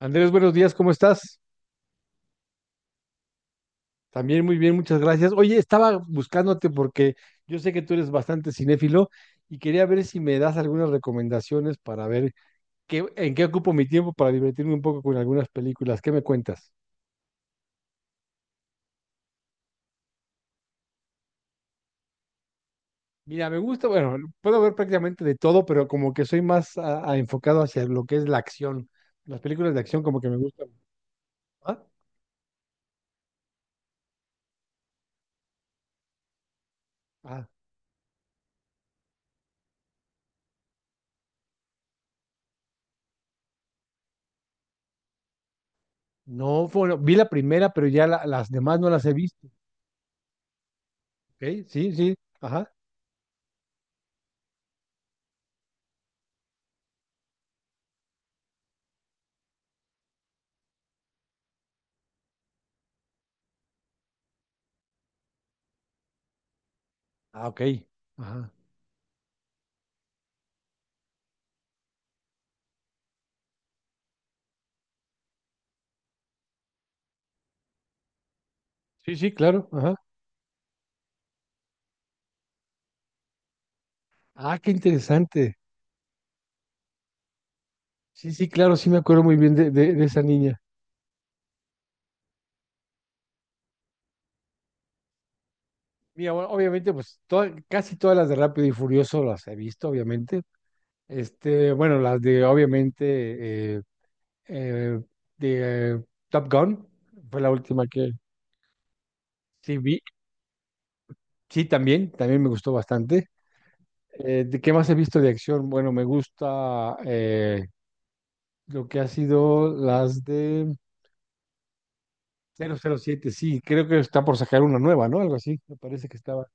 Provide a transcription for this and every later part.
Andrés, buenos días, ¿cómo estás? También muy bien, muchas gracias. Oye, estaba buscándote porque yo sé que tú eres bastante cinéfilo y quería ver si me das algunas recomendaciones para ver en qué ocupo mi tiempo para divertirme un poco con algunas películas. ¿Qué me cuentas? Mira, me gusta, bueno, puedo ver prácticamente de todo, pero como que soy más enfocado hacia lo que es la acción. Las películas de acción como que me gustan. ¿Ah? Ah, no, bueno, vi la primera, pero ya las demás no las he visto. ¿Ok? Sí, sí, ajá. Ah, ok. Ajá. Sí, sí, claro. Ajá. Ah, qué interesante. Sí, sí, claro, sí me acuerdo muy bien de esa niña. Mira, bueno, obviamente, pues casi todas las de Rápido y Furioso las he visto, obviamente. Bueno, las de, obviamente, eh, de Top Gun, fue la última que sí vi. Sí, también, también me gustó bastante. ¿De qué más he visto de acción? Bueno, me gusta lo que ha sido las de 007. Sí, creo que está por sacar una nueva, ¿no? Algo así, me parece que estaba.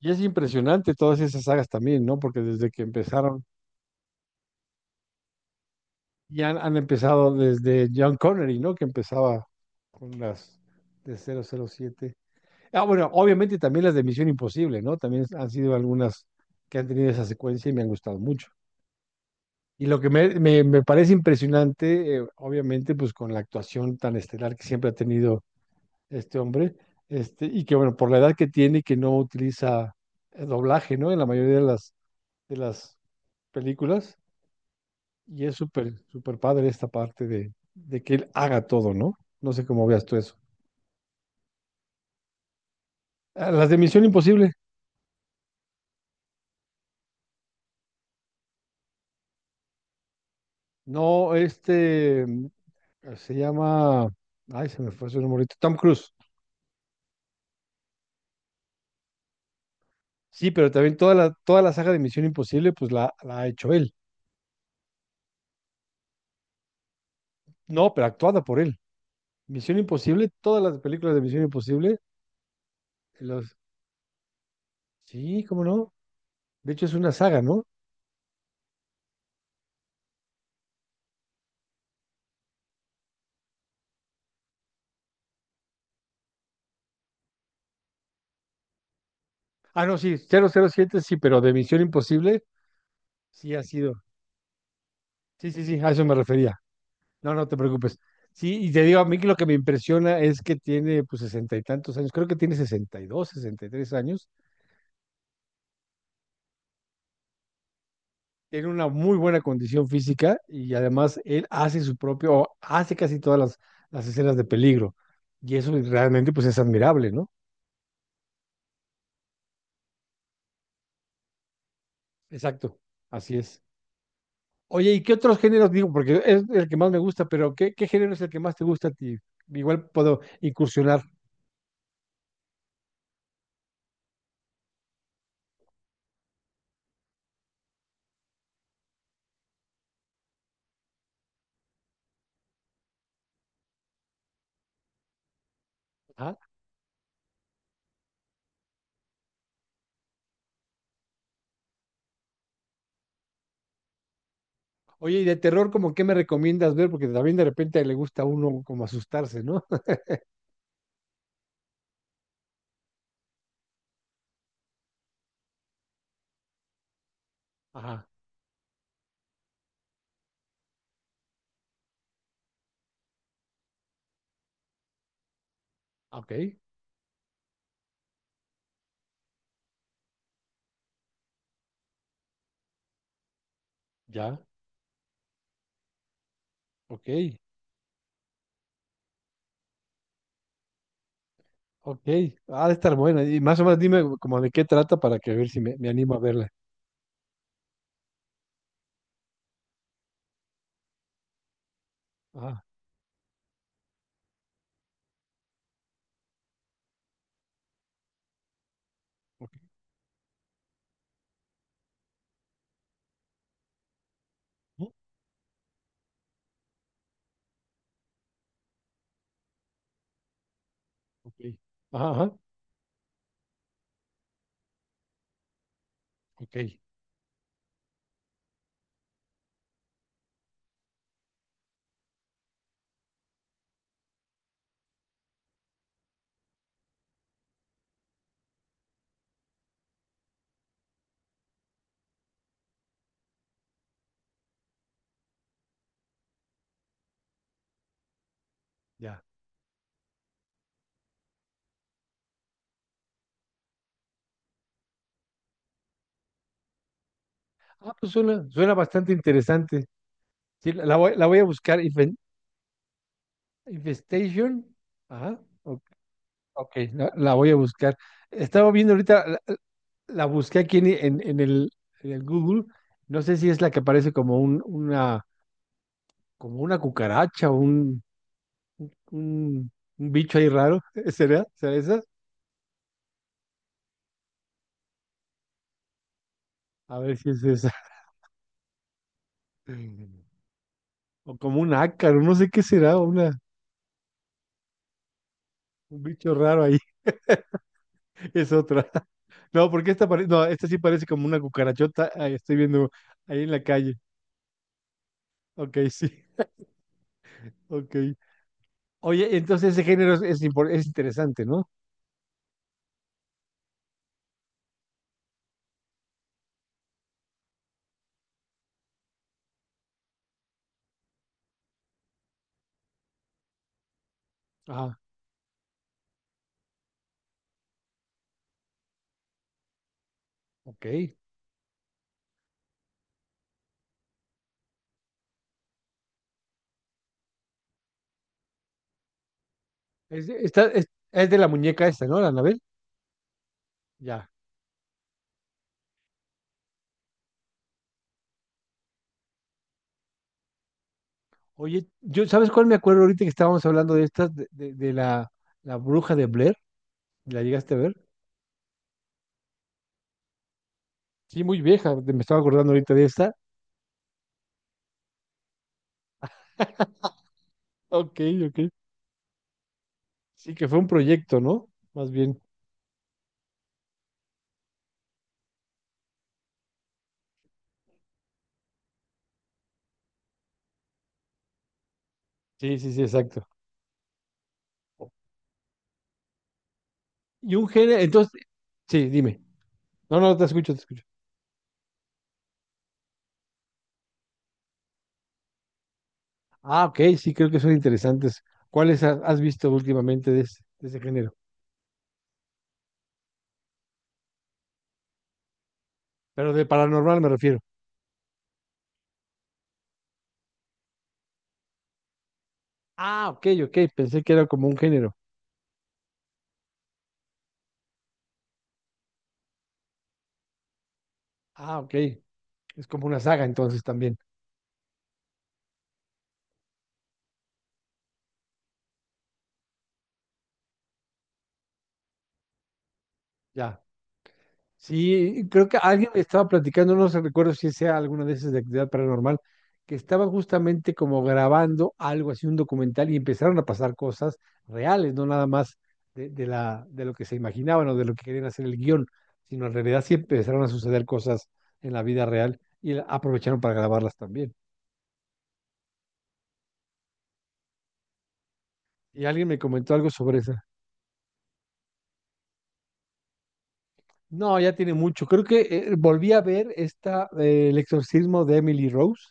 Y es impresionante todas esas sagas también, ¿no? Porque desde que empezaron, y han empezado desde John Connery, ¿no? Que empezaba con las de 007. Ah, bueno, obviamente también las de Misión Imposible, ¿no? También han sido algunas que han tenido esa secuencia y me han gustado mucho. Y lo que me parece impresionante, obviamente, pues con la actuación tan estelar que siempre ha tenido este hombre, y que, bueno, por la edad que tiene y que no utiliza doblaje, ¿no? En la mayoría de las películas. Y es súper, súper padre esta parte de que él haga todo, ¿no? No sé cómo veas tú eso. Ah, las de Misión Imposible. No, se llama. Ay, se me fue su nombre ahorita. Tom Cruise. Sí, pero también toda la saga de Misión Imposible, pues la ha hecho él. No, pero actuada por él. Misión Imposible, todas las películas de Misión Imposible, los... sí, cómo no. De hecho, es una saga, ¿no? Ah, no, sí, 007 sí, pero de Misión Imposible, sí ha sido. Sí, sí, sí, a eso me refería. No, no te preocupes. Sí, y te digo, a mí que lo que me impresiona es que tiene pues sesenta y tantos años, creo que tiene 60, 62, 63 años, tiene una muy buena condición física y además él hace su propio, o hace casi todas las escenas de peligro. Y eso realmente pues es admirable, ¿no? Exacto, así es. Oye, ¿y qué otros géneros digo? Porque es el que más me gusta, pero ¿qué género es el que más te gusta a ti? Igual puedo incursionar. Ajá. Oye, ¿y de terror como qué me recomiendas ver? Porque también de repente le gusta a uno como asustarse, ¿no? Ajá, ok, ya, ok, ok. Ha de estar bueno. Y más o menos dime como de qué trata para que a ver si me animo a verla. Ah, ok. ¿No? Ok. Ajá, ajá, ok, ya. Ah, pues suena, suena bastante interesante. Sí, la voy a buscar. Infestation. Ajá, ok, ok, la voy a buscar. Estaba viendo ahorita, la busqué aquí en el Google. No sé si es la que aparece como una cucaracha o un, un bicho ahí raro. ¿Será? ¿Será esa? A ver si es esa. O como un ácaro, no sé qué será, o un bicho raro ahí. Es otra. No, porque esta parece, no, esta sí parece como una cucarachota. Ahí estoy viendo ahí en la calle. Ok, sí, ok. Oye, entonces ese género es interesante, ¿no? Ah, ok. Es de la muñeca esta, ¿no? La Anabel. Ya. Oye, yo, ¿sabes cuál me acuerdo ahorita que estábamos hablando de estas, de la bruja de Blair? ¿La llegaste a ver? Sí, muy vieja, me estaba acordando ahorita de esta. Ok, ok. Sí, que fue un proyecto, ¿no? Más bien. Sí, sí, sí, exacto. Y un género, entonces, sí, dime. No, no, te escucho, te escucho. Ah, ok, sí, creo que son interesantes. ¿Cuáles has visto últimamente de ese género? Pero de paranormal me refiero. Ah, ok, ok, pensé que era como un género. Ah, ok, es como una saga entonces también. Ya. Sí, creo que alguien me estaba platicando, no se recuerdo si sea alguna de esas de actividad paranormal, que estaban justamente como grabando algo así, un documental, y empezaron a pasar cosas reales, no nada más de lo que se imaginaban o de lo que querían hacer el guión, sino en realidad sí empezaron a suceder cosas en la vida real y aprovecharon para grabarlas también. Y alguien me comentó algo sobre esa. No, ya tiene mucho. Creo que volví a ver esta, el exorcismo de Emily Rose,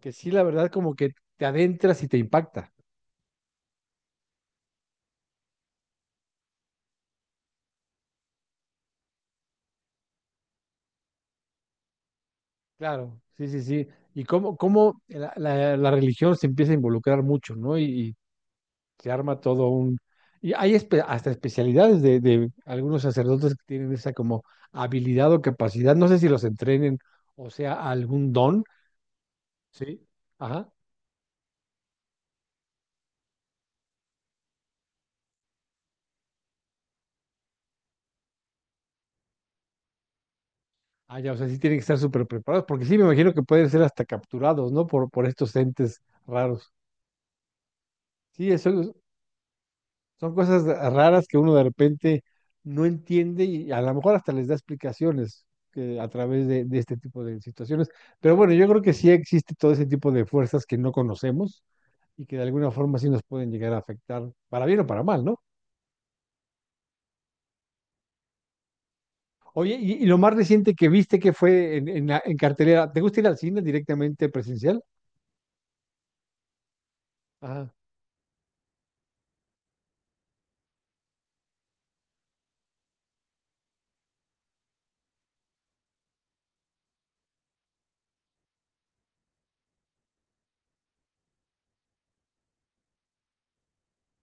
que sí, la verdad, como que te adentras y te impacta. Claro, sí, sí, sí. Y cómo, cómo la religión se empieza a involucrar mucho, ¿no? Y se arma todo un. Y hay hasta especialidades de algunos sacerdotes que tienen esa como habilidad o capacidad, no sé si los entrenen o sea algún don, ¿sí? Ajá. Ah, ya, o sea, sí tienen que estar súper preparados, porque sí me imagino que pueden ser hasta capturados, ¿no? Por estos entes raros. Sí, eso. Son cosas raras que uno de repente no entiende y a lo mejor hasta les da explicaciones que a través de este tipo de situaciones. Pero bueno, yo creo que sí existe todo ese tipo de fuerzas que no conocemos y que de alguna forma sí nos pueden llegar a afectar, para bien o para mal, ¿no? Oye, y lo más reciente que viste que fue en cartelera, ¿te gusta ir al cine directamente presencial? Ajá,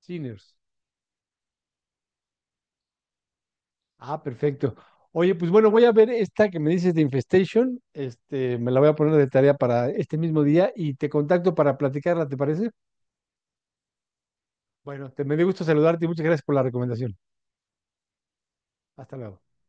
Ciners. Ah, perfecto. Oye, pues bueno, voy a ver esta que me dices de Infestation. Me la voy a poner de tarea para este mismo día y te contacto para platicarla, ¿te parece? Bueno, te me dio gusto saludarte y muchas gracias por la recomendación. Hasta luego.